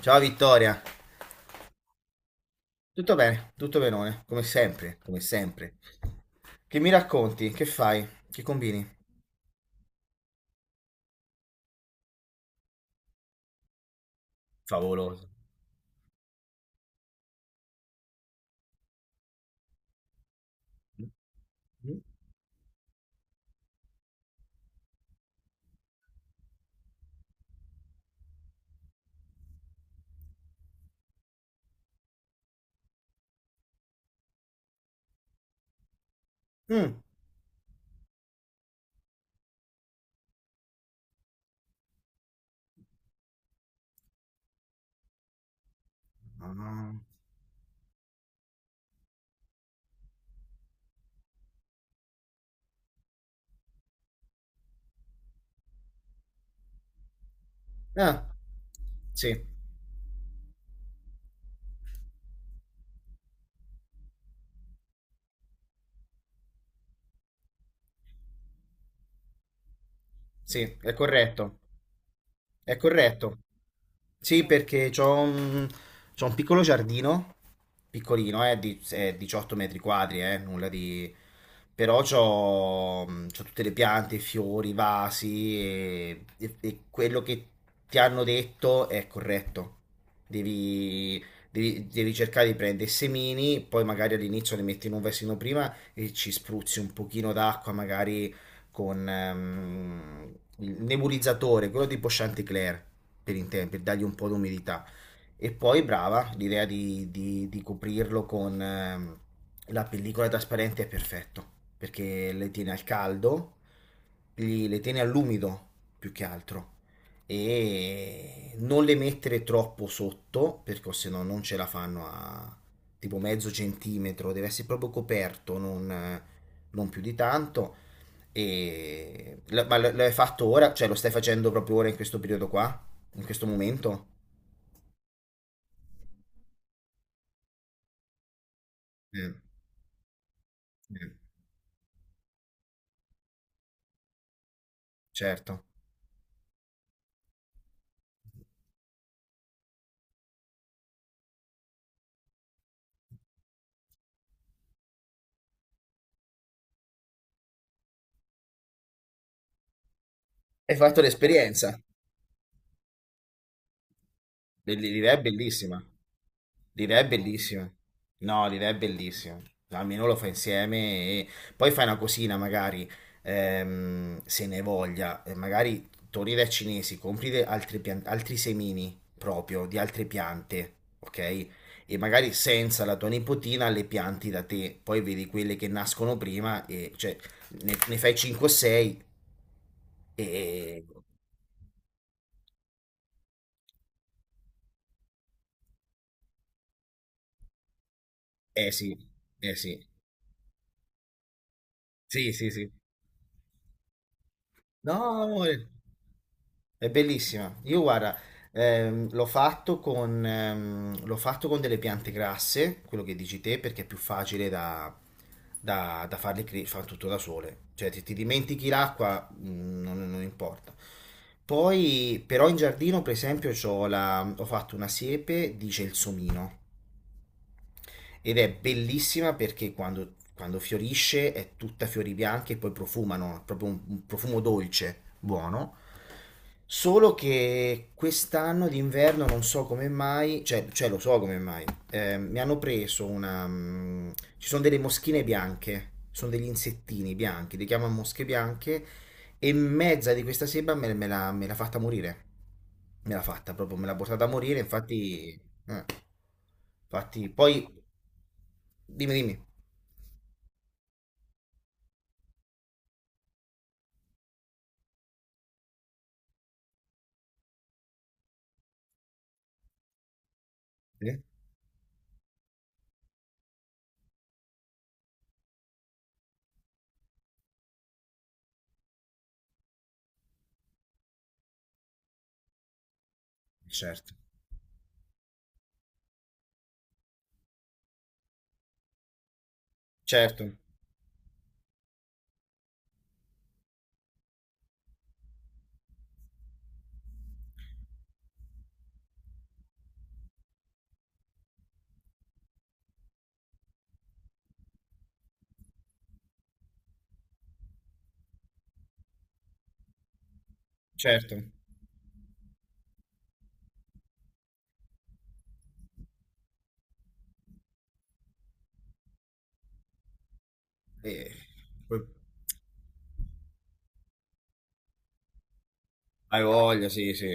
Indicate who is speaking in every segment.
Speaker 1: Ciao Vittoria, tutto bene, tutto benone, come sempre, come sempre. Che mi racconti? Che fai? Che combini? Favoloso. Mm. Mm. Ah. Ah. Sì, sì, è corretto. È corretto. Sì, perché c'ho un piccolo giardino, piccolino, di, 18 metri quadri, nulla di... Però c'ho tutte le piante, i fiori, i vasi e quello che ti hanno detto è corretto. Devi, Devi cercare di prendere i semini, poi magari all'inizio li metti in un vasino prima e ci spruzzi un pochino d'acqua, magari con il nebulizzatore, quello tipo Chanticleer, per intendere, per dargli un po' d'umidità. E poi brava, l'idea di coprirlo con la pellicola trasparente è perfetto, perché le tiene al caldo, gli- le tiene all'umido più che altro. E non le mettere troppo sotto, perché se no non ce la fanno a tipo mezzo centimetro, deve essere proprio coperto, non più di tanto. E... lo- ma lo hai fatto ora? Cioè, lo stai facendo proprio ora in questo periodo qua? In questo momento? Mm, mm, certo. Hai fatto l'esperienza? L'idea è bellissima. L'idea è bellissima. No, l'idea è bellissima. No, almeno lo fai insieme e poi fai una cosina, magari se ne hai voglia, e magari torni dai cinesi, compri de- altri, pian- altri semini proprio di altre piante, ok? E magari senza la tua nipotina le pianti da te, poi vedi quelle che nascono prima e cioè ne fai 5 o 6 e eh sì, eh sì. Sì, sì, sì. No, no, è bellissima. Io guarda, l'ho fatto con delle piante grasse, quello che dici te, perché è più facile da farle cre- fa tutto da sole. Cioè, se ti dimentichi l'acqua, non importa. Poi, però in giardino, per esempio, c'ho la- ho fatto una siepe di gelsomino. Ed è bellissima perché quando fiorisce è tutta fiori bianchi e poi profumano, è proprio un profumo dolce, buono. Solo che quest'anno d'inverno non so come mai, cioè lo so come mai, mi hanno preso una... mm, ci sono delle moschine bianche, sono degli insettini bianchi, li chiamano mosche bianche, e mezza di questa seba me l'ha fatta morire. Me l'ha fatta proprio, me l'ha portata a morire, infatti... eh. Infatti, poi dimmi, dimmi. Sì, certo. Certo, certo. Eh, poi- hai voglia, sì, sì.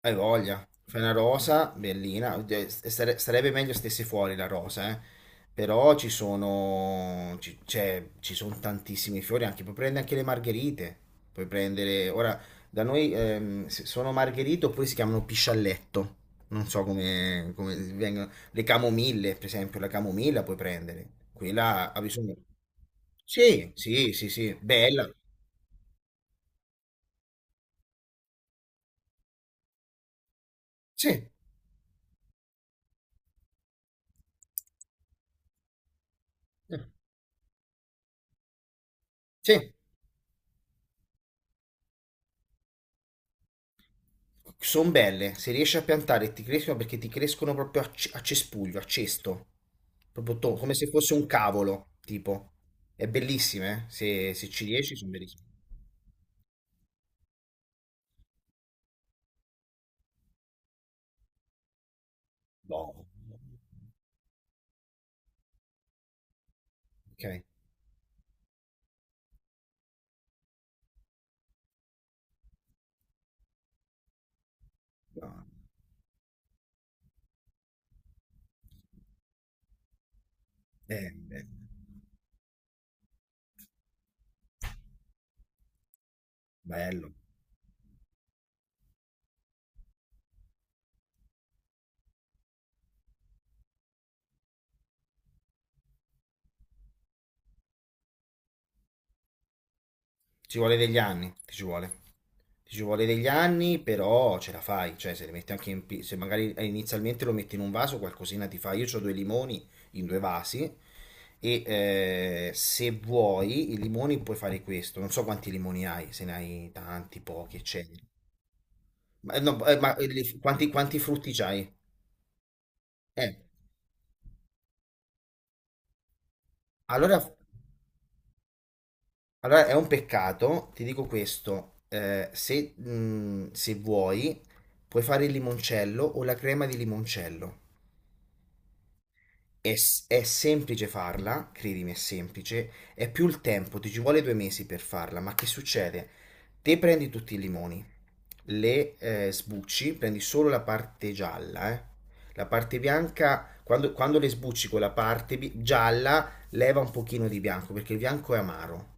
Speaker 1: Hai voglia. Fai una rosa bellina. Oddio, sare- sarebbe meglio stesse fuori la rosa, eh. Però ci sono tantissimi fiori, anche, puoi prendere anche le margherite, puoi prendere, ora, da noi se- sono margherite oppure si chiamano piscialletto, non so come vengono, le camomille, per esempio, la camomilla puoi prendere, quella ha bisogno, sì, sì, sì, sì, bella. Sì, sì, sono belle. Se riesci a piantare ti crescono perché ti crescono proprio a, c- a cespuglio, a cesto. Proprio to- come se fosse un cavolo, tipo. È bellissime, eh. Se, se ci riesci sono bellissime. No. Ok. No. Beh, bello. Ci vuole degli anni, ti ci vuole. Ti ci vuole degli anni, però ce la fai. Cioè, se li metti anche in... pi- se magari inizialmente lo metti in un vaso, qualcosina ti fa. Io ho 2 limoni in 2 vasi e se vuoi i limoni puoi fare questo. Non so quanti limoni hai, se ne hai tanti, pochi, eccetera. Ma, no, ma li- quanti frutti c'hai? Eh, allora... Allora, è un peccato, ti dico questo, se, se vuoi puoi fare il limoncello o la crema di limoncello. S- è semplice farla, credimi, è semplice, è più il tempo, ti ci vuole 2 mesi per farla, ma che succede? Te prendi tutti i limoni, le sbucci, prendi solo la parte gialla, eh. La parte bianca, quando le sbucci con la parte bi- gialla, leva un pochino di bianco, perché il bianco è amaro.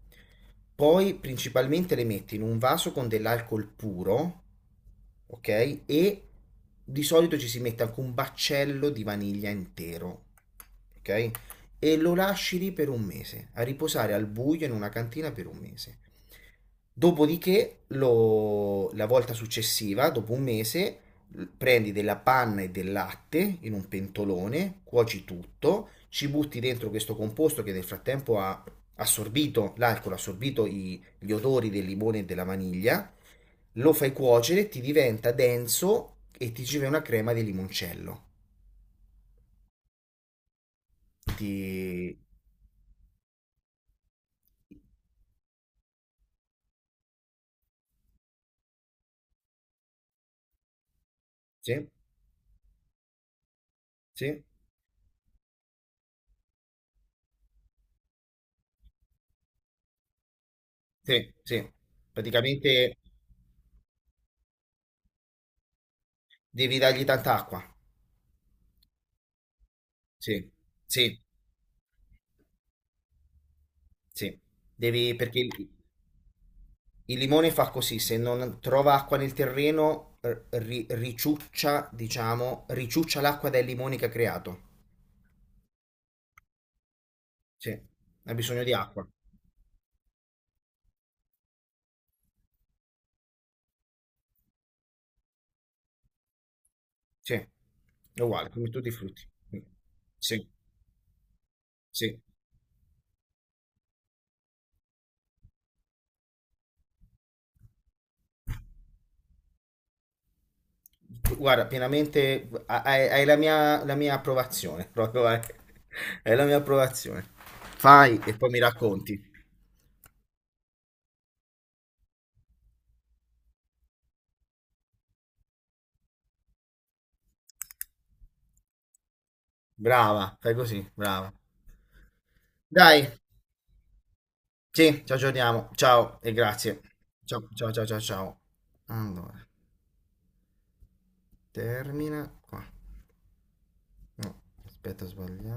Speaker 1: Poi principalmente le metti in un vaso con dell'alcol puro, ok? E di solito ci si mette anche un baccello di vaniglia intero, ok? E lo lasci lì per 1 mese, a riposare al buio in una cantina per 1 mese. Dopodiché, lo- la volta successiva, dopo 1 mese, l- prendi della panna e del latte in un pentolone, cuoci tutto, ci butti dentro questo composto che nel frattempo ha assorbito l'alcol, ha assorbito i- gli odori del limone e della vaniglia, lo fai cuocere, ti diventa denso e ti ci fai una crema di limoncello. Ti... Sì, sì, sì, sì. Praticamente devi dargli tanta acqua. Sì, sì, sì. Devi, perché il limone fa così, se non trova acqua nel terreno, r- ri- riciuccia, diciamo, riciuccia l'acqua dai limoni che ha creato. Sì, ha bisogno di acqua. Sì, è uguale, come tutti i frutti. Sì, sì, guarda, pienamente ha- hai la mia approvazione, proprio hai, hai la mia approvazione. Fai e poi mi racconti. Brava, fai così, brava. Dai, sì, ci aggiorniamo. Ciao e grazie. Ciao, ciao, ciao, ciao, ciao. Allora, termina qua. No, aspetta, ho sbagliato.